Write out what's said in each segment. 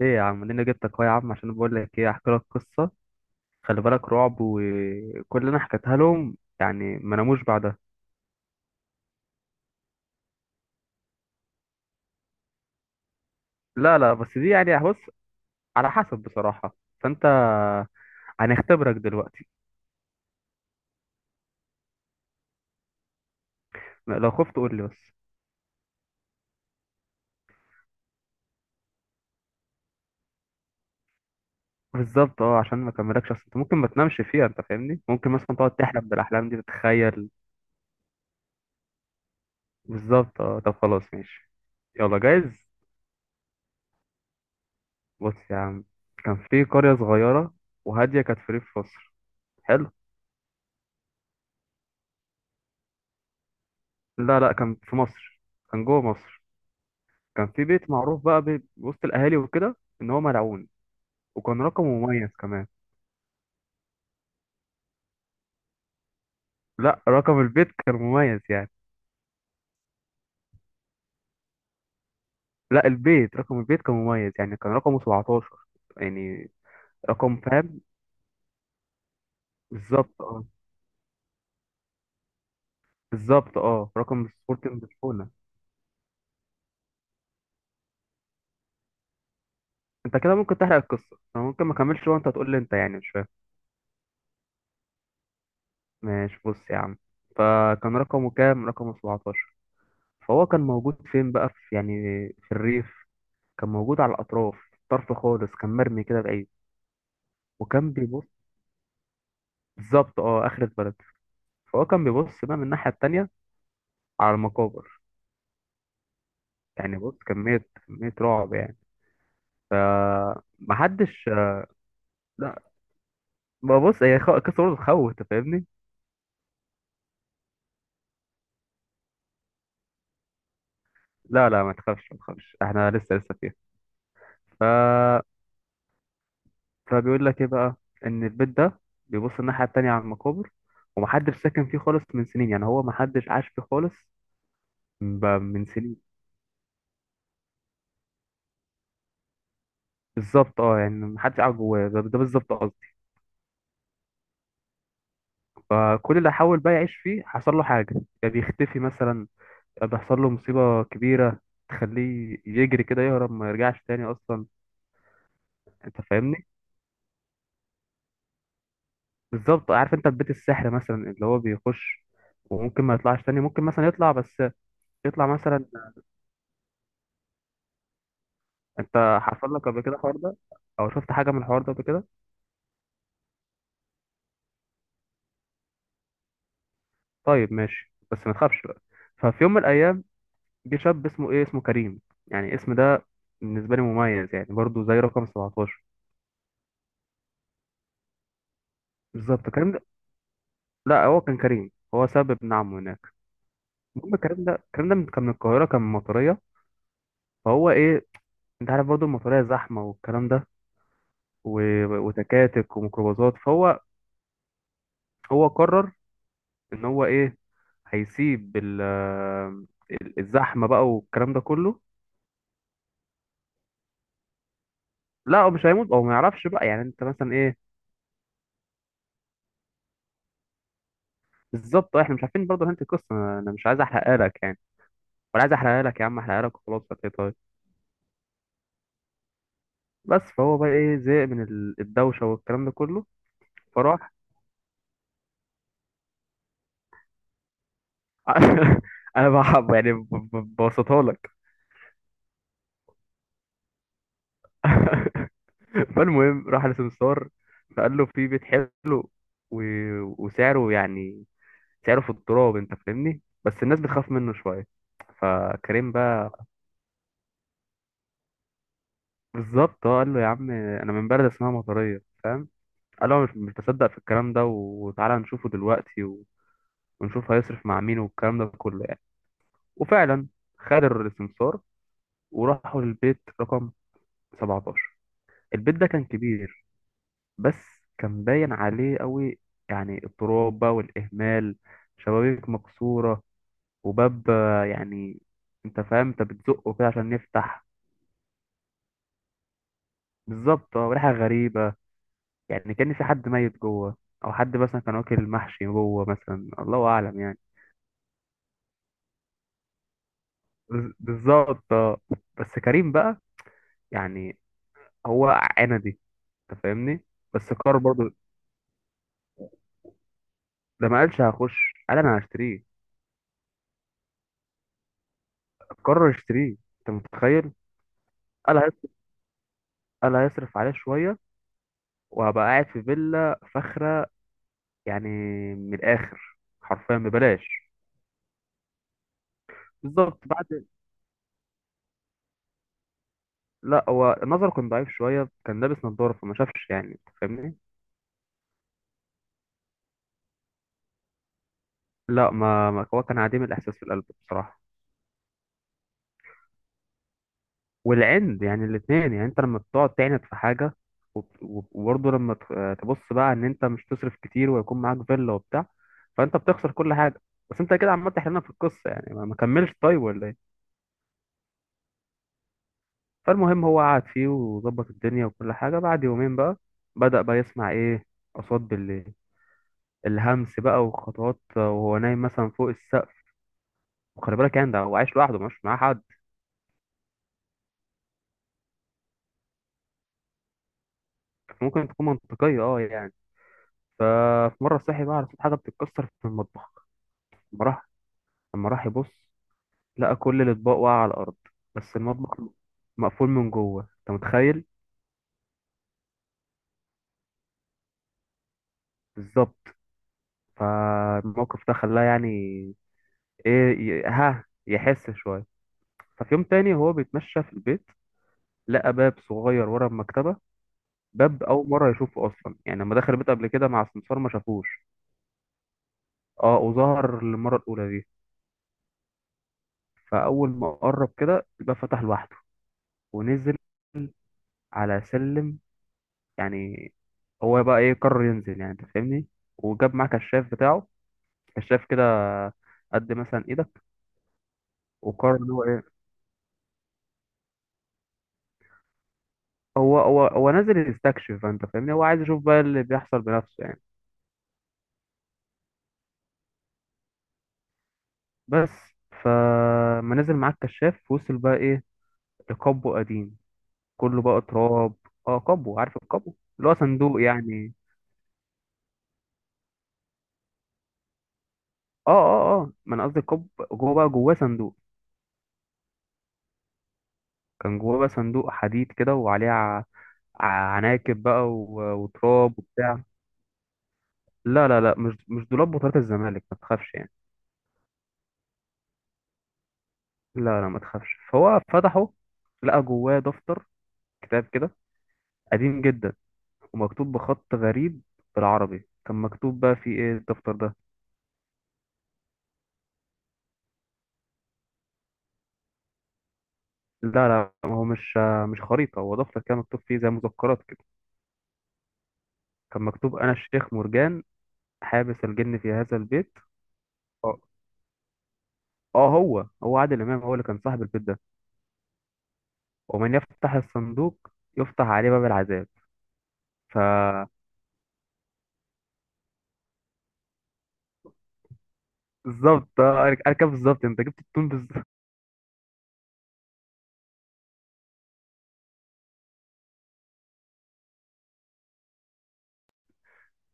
ايه يا عم، انا جبتك اهو يا عم عشان بقول لك ايه. احكي لك قصه. خلي بالك رعب، وكل اللي انا حكيتها لهم يعني ما ناموش بعدها. لا لا بس دي يعني بص، على حسب بصراحه. فانت هنختبرك دلوقتي. لو خفت قول لي بس. بالظبط اه، عشان ما كملكش، اصل انت ممكن ما تنامش فيها، انت فاهمني؟ ممكن مثلا تقعد تحلم بالاحلام دي، تتخيل. بالظبط اه، طب خلاص ماشي. يلا جايز. بص يا عم، كان في قريه صغيره، وهاديه كانت في ريف مصر. حلو. لا لا كان في مصر، كان جوه مصر. كان في بيت معروف بقى وسط الاهالي وكده ان هو ملعون. وكان رقم مميز كمان. لا رقم البيت كان مميز يعني. لا البيت، رقم البيت كان مميز يعني، كان رقمه 17 يعني. رقم فاهم؟ بالظبط اه. بالظبط اه، رقم سبورتنج لشبونه. انت كده ممكن تحرق القصه، انا ممكن ما اكملش وانت تقول لي انت يعني مش فاهم. ماشي، بص يا عم، فكان رقمه كام؟ رقمه 17. فهو كان موجود فين بقى؟ في يعني في الريف، كان موجود على الاطراف، طرف خالص، كان مرمي كده بعيد. وكان بيبص. بالظبط اه، اخرة بلد. فهو كان بيبص بقى من الناحية التانية على المقابر. يعني بص، كمية رعب يعني. فمحدش. لا ببص، قصة برضه تخوف، انت فاهمني؟ لا لا ما تخافش، ما تخافش، احنا لسه فيها. ف... فبيقول لك ايه بقى؟ ان البيت ده بيبص الناحية التانية على المقابر، ومحدش ساكن فيه خالص من سنين، يعني هو محدش عاش فيه خالص من سنين. بالظبط اه، يعني محدش قاعد جواه، ده بالظبط قصدي. فكل اللي حاول بقى يعيش فيه حصل له حاجة، يا بيختفي مثلا، بيحصل له مصيبة كبيرة تخليه يجري كده يهرب ما يرجعش تاني أصلا. أنت فاهمني؟ بالظبط، عارف أنت في بيت السحر مثلا، اللي هو بيخش وممكن ما يطلعش تاني، ممكن مثلا يطلع بس. يطلع مثلا. أنت حصل لك قبل كده الحوار ده، أو شفت حاجة من الحوار ده قبل كده؟ طيب ماشي، بس ما تخافش بقى. ففي يوم من الأيام جه شاب اسمه إيه، اسمه كريم. يعني الاسم ده بالنسبة لي مميز يعني، برضه زي رقم 17. بالظبط، كريم ده، لا هو كان كريم هو سبب ابن عمه هناك. المهم الكلام ده، كان من القاهرة، كان من المطرية. فهو ايه؟ انت عارف برضو المطريه زحمه والكلام ده، وتكاتك وميكروباصات، فهو هو قرر ان هو ايه، هيسيب الزحمه بقى والكلام ده كله. لا هو مش هيموت او ما يعرفش بقى، يعني انت مثلا ايه. بالظبط آه، احنا مش عارفين برضه انت القصه، أنا مش عايز احرقها لك يعني. ولا عايز احرقها لك يا عم؟ احرقها لك وخلاص هتلاقيه طيب. بس فهو بقى ايه، زهق من الدوشه والكلام ده كله. فراح. انا بحب يعني، ببسطها لك. فالمهم راح لسمسار. فقال له في بيت حلو، و... وسعره يعني، سعره في التراب، انت فاهمني، بس الناس بتخاف منه شويه. فكريم بقى. بالظبط اه، قال له يا عم انا من بلد اسمها مطريه، فاهم. قال له أنا مش بصدق في الكلام ده، وتعالى نشوفه دلوقتي ونشوف هيصرف مع مين والكلام ده كله يعني. وفعلا خد السمسار وراحوا للبيت رقم 17. البيت ده كان كبير، بس كان باين عليه قوي يعني التراب بقى والإهمال. شبابيك مكسورة، وباب آه، يعني انت فاهم، انت بتزقه كده عشان يفتح. بالظبط اه، وريحة غريبة، يعني كأن في حد ميت جوه، أو حد مثلا كان واكل محشي جوه مثلا، الله أعلم يعني. بالظبط اه. بس كريم بقى يعني، هو عندي، انت فاهمني. بس قرر برضه، ده ما قالش هخش، قال انا هشتريه. قرر اشتريه، انت متخيل. قال هيصرف، قال هيصرف عليه شوية وهبقى قاعد في فيلا فخرة يعني. من الآخر حرفيا ببلاش. بالظبط بعد. لا هو نظره كان ضعيف شوية، كان لابس نظارة فما شافش يعني، أنت فاهمني. لا هو كان عديم الإحساس في القلب بصراحة. والعند يعني، الاتنين يعني، أنت لما بتقعد تعند في حاجة، وبرضه لما تبص بقى إن أنت مش تصرف كتير ويكون معاك فيلا وبتاع، فأنت بتخسر كل حاجة. بس أنت كده عمال تحلنا في القصة يعني، ما كملش طيب ولا إيه؟ فالمهم هو قعد فيه وظبط الدنيا وكل حاجة. بعد يومين بقى بدأ بقى يسمع إيه، أصوات بالليل، الهمس بقى وخطوات وهو نايم مثلا فوق السقف. وخلي بالك يعني ده هو عايش لوحده، مش معاه حد. ممكن تكون منطقية اه يعني. ففي مرة صحي بقى على صوت حاجة بتتكسر في المطبخ. لما راح، لما راح يبص، لقى كل الأطباق واقعة على الأرض، بس المطبخ مقفول من جوه، أنت متخيل. بالظبط. فالموقف ده خلاه يعني إيه، ها يحس شوية. ففي يوم تاني هو بيتمشى في البيت، لقى باب صغير ورا المكتبة. باب أول مرة يشوفه أصلا، يعني لما دخل البيت قبل كده مع السمسار ما شافوش. اه وظهر للمرة الأولى دي. فأول ما قرب كده الباب فتح لوحده، ونزل على سلم يعني. هو بقى إيه، قرر ينزل يعني أنت فاهمني. وجاب معاه كشاف بتاعه، كشاف كده قد مثلا إيدك. وقرر إن هو إيه، هو نازل يستكشف، أنت فاهمني، هو عايز يشوف بقى اللي بيحصل بنفسه يعني. بس. فما نزل معاه الكشاف، وصل بقى ايه، لقبو قديم كله بقى تراب. اه قبو، عارف القبو، اللي هو صندوق يعني. اه اه اه ما انا قصدي القبو، جوه بقى جواه صندوق. كان جواه بقى صندوق حديد كده، وعليه عناكب بقى، وتراب وبتاع. لا مش دولاب بطولات الزمالك، ما تخافش يعني. لا لا، ما تخافش. فهو فتحه، لقى جواه دفتر، كتاب كده قديم جدا، ومكتوب بخط غريب. بالعربي كان مكتوب بقى، فيه ايه الدفتر ده؟ لا لا، ما هو مش خريطة، هو دفتر، كان مكتوب فيه زي مذكرات كده. كان مكتوب: أنا الشيخ مرجان، حابس الجن في هذا البيت. اه. آه، هو عادل إمام هو اللي كان صاحب البيت ده. ومن يفتح الصندوق يفتح عليه باب العذاب. ف بالظبط آه، أنا كده بالظبط، أنت جبت التون بالظبط.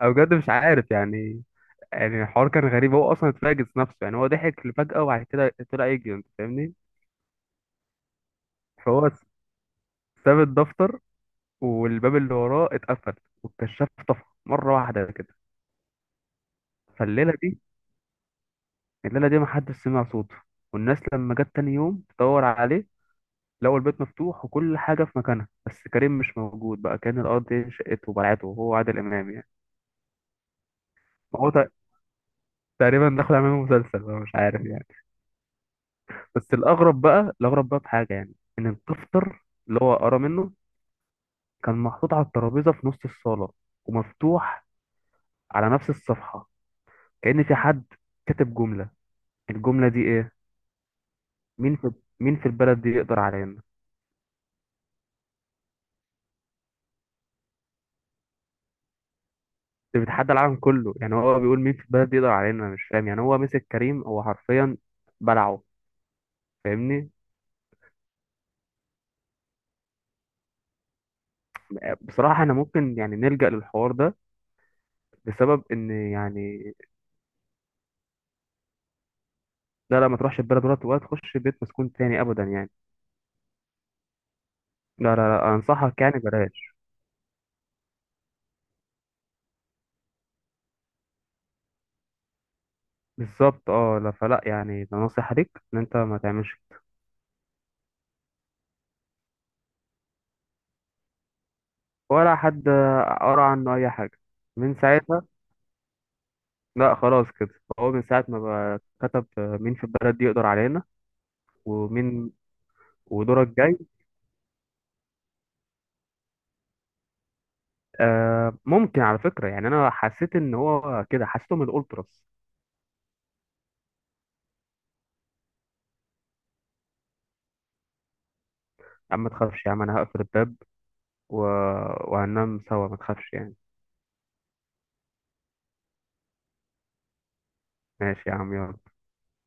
أنا بجد مش عارف يعني، يعني الحوار كان غريب، هو أصلا اتفاجئ نفسه يعني، هو ضحك فجأة وبعد كده طلع يجري، أنت فاهمني. فهو ساب الدفتر، والباب اللي وراه اتقفل، والكشاف طفى مرة واحدة كده. فالليلة دي، الليلة دي محدش سمع صوته. والناس لما جت تاني يوم تدور عليه، لقوا البيت مفتوح وكل حاجة في مكانها، بس كريم مش موجود بقى، كان الأرض دي شقته وبلعته وهو عادل إمام يعني. ما هو تقريبا دخل عامل مسلسل بقى، مش عارف يعني. بس الأغرب بقى، الأغرب بقى في حاجة يعني، إن الدفتر اللي هو قرا منه كان محطوط على الترابيزة في نص الصالة، ومفتوح على نفس الصفحة، كأن في حد كاتب جملة. الجملة دي إيه؟ مين في مين في البلد دي يقدر علينا؟ ده بيتحدى العالم كله يعني، هو بيقول مين في البلد يقدر علينا، انا مش فاهم يعني، هو مسك كريم، هو حرفيا بلعه، فاهمني. بصراحة انا ممكن يعني نلجأ للحوار ده بسبب ان يعني. لا لا، ما تروحش البلد، ولا تخش بيت مسكون تاني ابدا يعني. لا انصحك يعني بلاش. بالظبط اه، لا فلا يعني، ده نصيحة ليك ان انت ما تعملش. ولا حد قرا عنه اي حاجة من ساعتها. لا خلاص كده، هو من ساعة ما بقى كتب مين في البلد دي يقدر علينا ومين. ودورك جاي. آه ممكن على فكرة يعني، أنا حسيت إن هو كده، حسيته من الأولتراس. يا عم ما تخافش يا عم، أنا هقفل الباب و... وهننام سوا، ما تخافش يعني. ماشي يا عم، يلا.